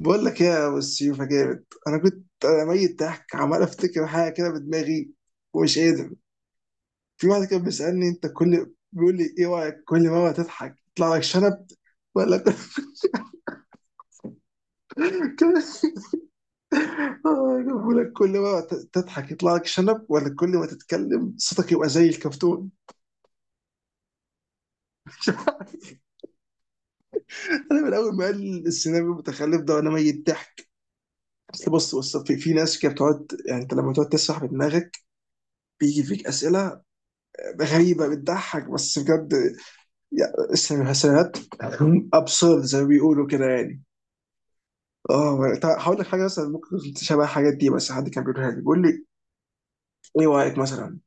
بقول لك إيه يا ابو السيوفه جامد. انا كنت ميت ضحك عمال افتكر حاجه كده بدماغي ومش قادر. في واحد كان بيسالني انت، كل بيقول لي ايه رايك، كل مره تضحك يطلع لك شنب ولا كل كل- آه، بيقول لك كل مره تضحك يطلع لك شنب ولا كل ما تتكلم صوتك يبقى زي الكرتون. انا من اول ما قال السيناريو المتخلف ده وانا ميت ضحك. أصل بص بص في ناس كده بتقعد، يعني انت لما تقعد تسرح بدماغك بيجي فيك اسئله غريبه بتضحك بس بجد. اسم الحسنات، ابسورد زي ما بيقولوا كده يعني. اه طيب هقول لك حاجه مثلا ممكن تشبه الحاجات دي، بس حد كان بيقولها لي، بيقول لي ايه رايك مثلا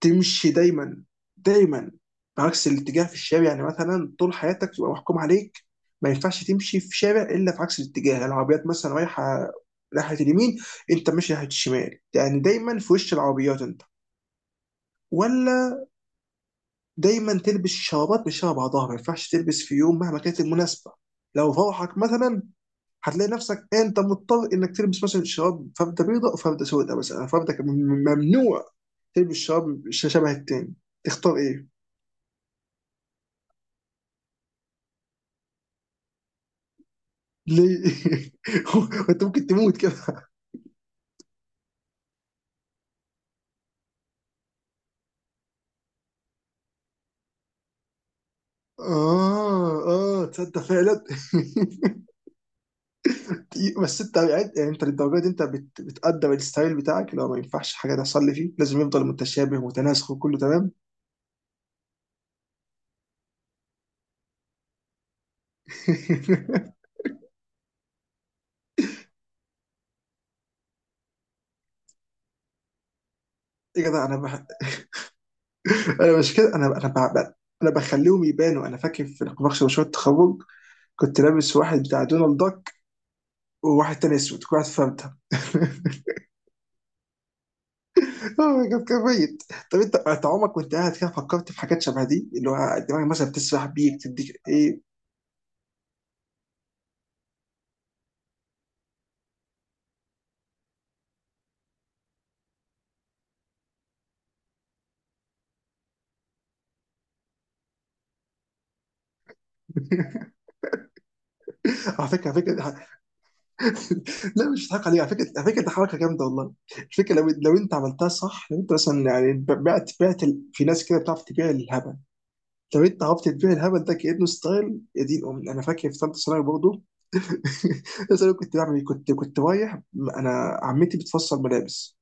تمشي دايما دايما بعكس الاتجاه في الشارع، يعني مثلا طول حياتك تبقى محكوم عليك ما ينفعش تمشي في شارع الا في عكس الاتجاه، يعني العربيات مثلا رايحه ناحيه اليمين انت ماشي ناحيه الشمال، يعني دايما في وش العربيات انت. ولا دايما تلبس شرابات مش شبه بعضها، ما ينفعش تلبس في يوم مهما كانت المناسبه لو فرحك مثلا، هتلاقي نفسك انت مضطر انك تلبس مثلا شراب فردة بيضاء وفردة سوداء، مثلا فردة ممنوع تلبس شراب شبه التاني. تختار ايه؟ ليه؟ وانت ممكن تموت كده. اه اه تصدق فعلا. دقيقة، بس انت، يعني انت للدرجه دي انت بتقدر الستايل بتاعك، لو ما ينفعش حاجه تحصل لي فيه لازم يفضل متشابه ومتناسق وكله تمام. ايه كده، انا مش كده. انا بخليهم يبانوا. انا فاكر في نقاش مشروع التخرج كنت لابس واحد بتاع دونالد داك وواحد تاني اسود، كنت فهمتها. أوه، كان ميت. طب انت عمرك وانت قاعد كده فكرت في حاجات شبه دي، اللي هو دماغك مثلا بتسرح بيك تديك ايه؟ على فكره على فكره. لا مش هضحك عليك، على فكره على فكره دي حركه جامده والله. الفكره لو انت عملتها صح، لو انت مثلا يعني بعت في ناس كده بتعرف تبيع الهبل. طب انت عرفت تبيع الهبل ده كانه ستايل، يا دين امي. انا فاكر في ثالثه ثانوي برضه بس انا كنت بعمل ايه؟ كنت رايح، انا عمتي بتفصل ملابس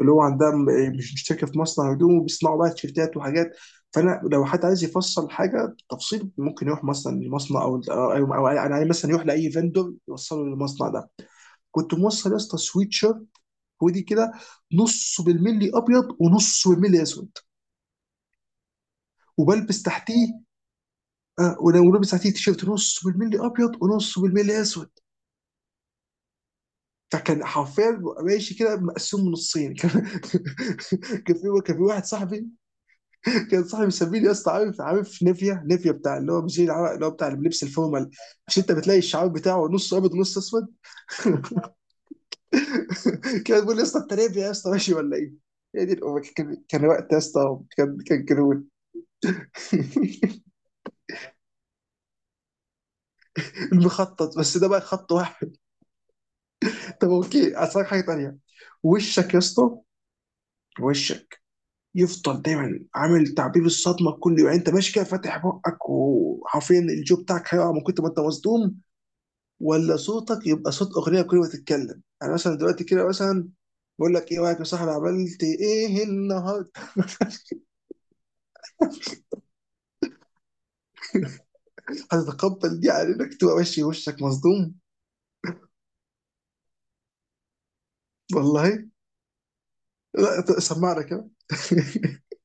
اللي هو عندها إيه، مش مشتركه في مصنع هدوم وبيصنعوا بقى تيشيرتات وحاجات. فانا لو حد عايز يفصل حاجه تفصيل ممكن يروح مثلا لمصنع أو يعني مثلا يروح لاي فندور يوصله للمصنع ده. كنت موصل يا اسطى سويت شيرت، ودي كده نصه بالملي ابيض ونصه بالملي اسود، وبلبس تحتيه ولابس ساعتين تيشيرت نص بالملي ابيض ونص بالملي اسود. فكان حرفيا ببقى ماشي كده مقسوم نصين. كان في واحد صاحبي، كان صاحبي مسميني يا اسطى، عارف عارف نيفيا، نيفيا بتاع اللي هو مش العرق، اللي هو بتاع لبس الفورمال. مش انت بتلاقي الشعار بتاعه نص ابيض ونص اسود؟ كان بيقول لي يا اسطى انت نيفيا، يا اسطى ماشي ولا ايه؟ هي دي الأمور. كان وقت يا اسطى، كان جنون. المخطط بس ده بقى خط واحد. طب اوكي، اسالك حاجه تانيه. وشك يا اسطى، وشك يفضل دايما عامل تعبيب الصدمه كل يوم، يعني انت ماشي كده فاتح بقك وحرفيا الجو بتاعك هيقع من كتر ما انت مصدوم. ولا صوتك يبقى صوت اغنيه كل ما تتكلم، يعني مثلا دلوقتي كده مثلا بقول لك ايه رايك يا صاحبي عملت ايه النهارده؟ هتتقبل دي على انك تبقى ماشي وشك مصدوم. والله، لا سمعنا كده.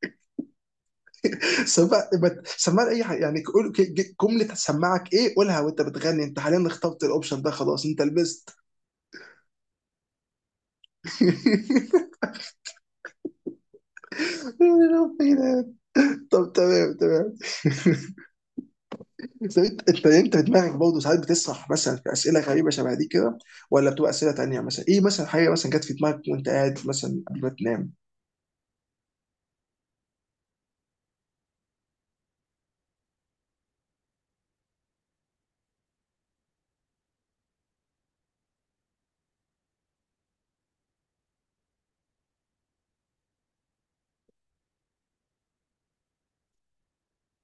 سمع ما- سمعنا اي حاجه، يعني قول جمله، هتسمعك ايه؟ قولها وانت بتغني. انت حاليا اخترت الاوبشن ده خلاص، انت لبست. طب تمام تمام. طب انت في دماغك برضه ساعات بتسرح مثلا في اسئله غريبه شبه دي كده، ولا بتبقى اسئله تانيه؟ مثلا ايه مثلا حاجه مثلا جت في دماغك وانت قاعد مثلا قبل ما تنام؟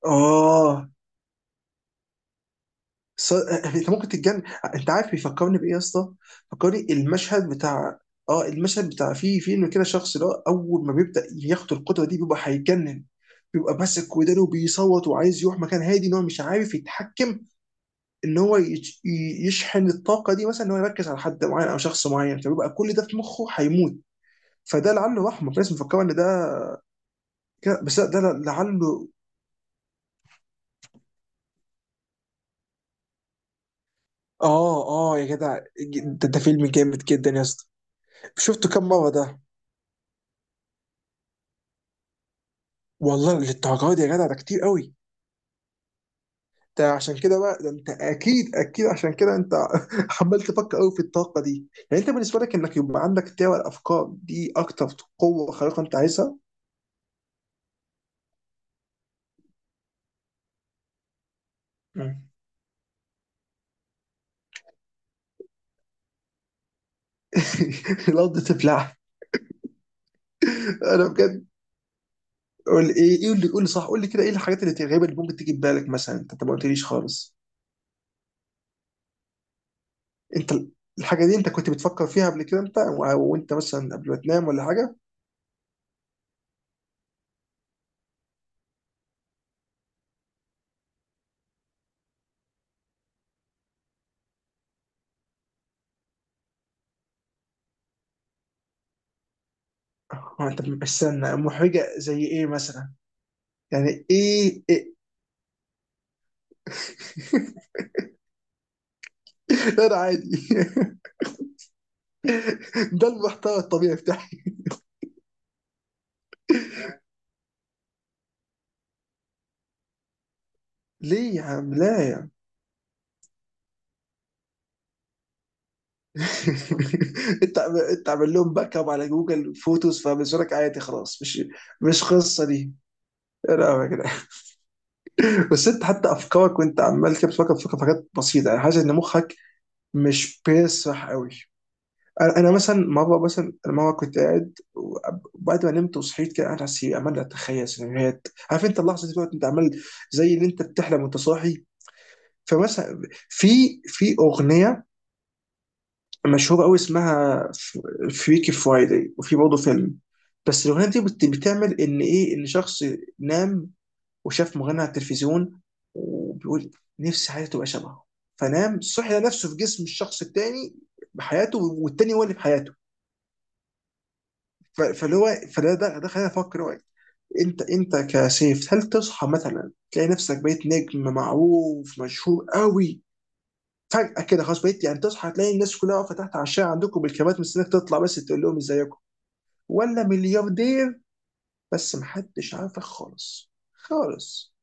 اه انت ممكن تتجنن. انت عارف بيفكرني بايه يا اسطى؟ فكرني المشهد بتاع، اه المشهد بتاع في فيلم كده، شخص اللي هو اول ما بيبدا ياخد القدره دي بيبقى هيتجنن، بيبقى ماسك ودانه وبيصوت وعايز يروح مكان هادي، ان هو مش عارف يتحكم ان هو يشحن الطاقه دي، مثلا ان هو يركز على حد معين او شخص معين، فبيبقى كل ده في مخه هيموت. فده لعله رحمه في ناس مفكره ان ده كده- بس لا، ده لعله. اه اه يا جدع، ده فيلم جامد جدا يا اسطى. شفته كم مره ده؟ والله للدرجه دي يا جدع؟ ده كتير قوي. ده عشان كده بقى، ده انت اكيد اكيد عشان كده انت عمال تفكر قوي في الطاقه دي، يعني انت بالنسبه لك انك يبقى عندك تاوى الافكار دي اكتر قوه خارقه انت عايزها. مم. الارض تبلعها. انا بجد قول ايه، ايه اللي، قول لي صح، قول لي كده ايه الحاجات الغريبه اللي ممكن تيجي في بالك مثلا؟ انت ما قلتليش خالص. انت الحاجه دي انت كنت بتفكر فيها قبل كده انت وانت مثلا قبل ما تنام ولا حاجه؟ اه انت استنى، محرجه زي ايه مثلا؟ إيه؟ لا انا عادي. ده المحتوى الطبيعي بتاعي. ليه يا عم، لا يا عم. انت عامل لهم باك اب على جوجل فوتوز، فبالنسبه لك عادي خلاص، مش قصه دي. لا، بس انت حتى افكارك وانت عمال كده بتفكر، في حاجات بسيطه، يعني حاسس ان مخك مش بيسرح قوي. انا مثلا مره، مثلا مره كنت قاعد وبعد ما نمت وصحيت كده قاعد على السرير، عمال اتخيل سيناريوهات، عارف انت اللحظه دي بقى انت عمال زي اللي انت بتحلم وانت صاحي. فمثلا في اغنيه مشهوره قوي اسمها فريكي فرايداي، وفي برضه فيلم، بس الاغنيه دي بتعمل ان ايه، ان شخص نام وشاف مغني على التلفزيون وبيقول نفسي حياتي تبقى شبهه، فنام صحي لقى نفسه في جسم الشخص التاني بحياته والتاني هو اللي بحياته. ف- فاللي هو فده ده, ده خلاني افكر، هو انت كسيف هل تصحى مثلا تلاقي نفسك بقيت نجم معروف مشهور قوي فجأة كده خلاص، بقيت يعني تصحى تلاقي الناس كلها واقفة تحت على الشارع عندكم بالكاميرات مستنيك تطلع بس تقول لهم ازيكم؟ ولا ملياردير بس محدش عارفك خالص خالص؟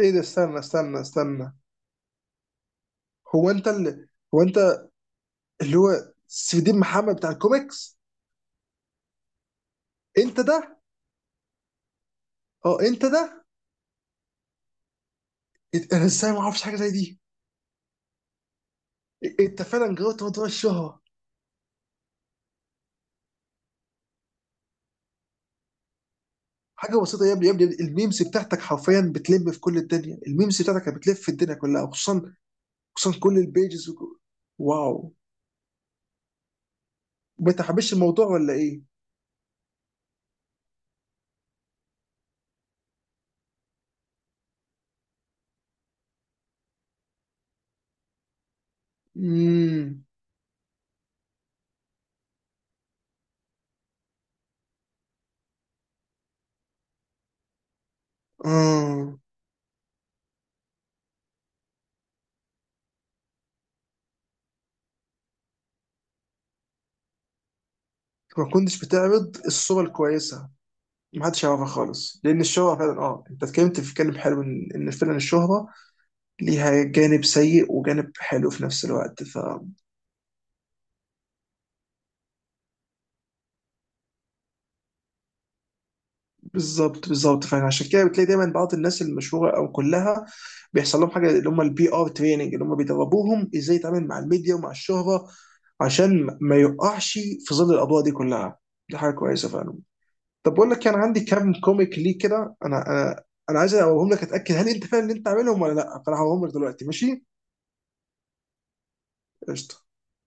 ايه ده، استنى استنى. هو انت اللي، هو انت اللي هو سيف الدين محمد بتاع الكوميكس؟ انت ده؟ اه انت ده. انا ازاي ما اعرفش حاجه زي دي؟ انت فعلا جربت موضوع الشهره. حاجه بسيطه يا ابني، يا ابني الميمز بتاعتك حرفيا بتلم في كل الدنيا، الميمز بتاعتك بتلف في الدنيا كلها، وخصوصا خصوصا كل البيجز واو. ما تحبش الموضوع ولا ايه؟ امم، اه. ما كنتش بتعرض الصوره الكويسه، ما حدش يعرفها خالص، لان الشهره فعلا، اه انت اتكلمت في كلام حلو، ان فعلا الشهره ليها جانب سيء وجانب حلو في نفس الوقت. فبالظبط، فعشان كده بتلاقي دايما بعض الناس المشهوره او كلها بيحصل لهم حاجه اللي هم الـ PR تريننج، اللي هم بيدربوهم ازاي يتعامل مع الميديا ومع الشهره، عشان ما يقعش في ظل الاضواء دي كلها. دي حاجه كويسه فعلا. طب بقول لك كان عندي كام كوميك ليه كده، انا عايز اقولهم لك، اتاكد هل انت فعلا اللي انت عاملهم ولا لا، فانا هقولهم لك دلوقتي ماشي. قشطه.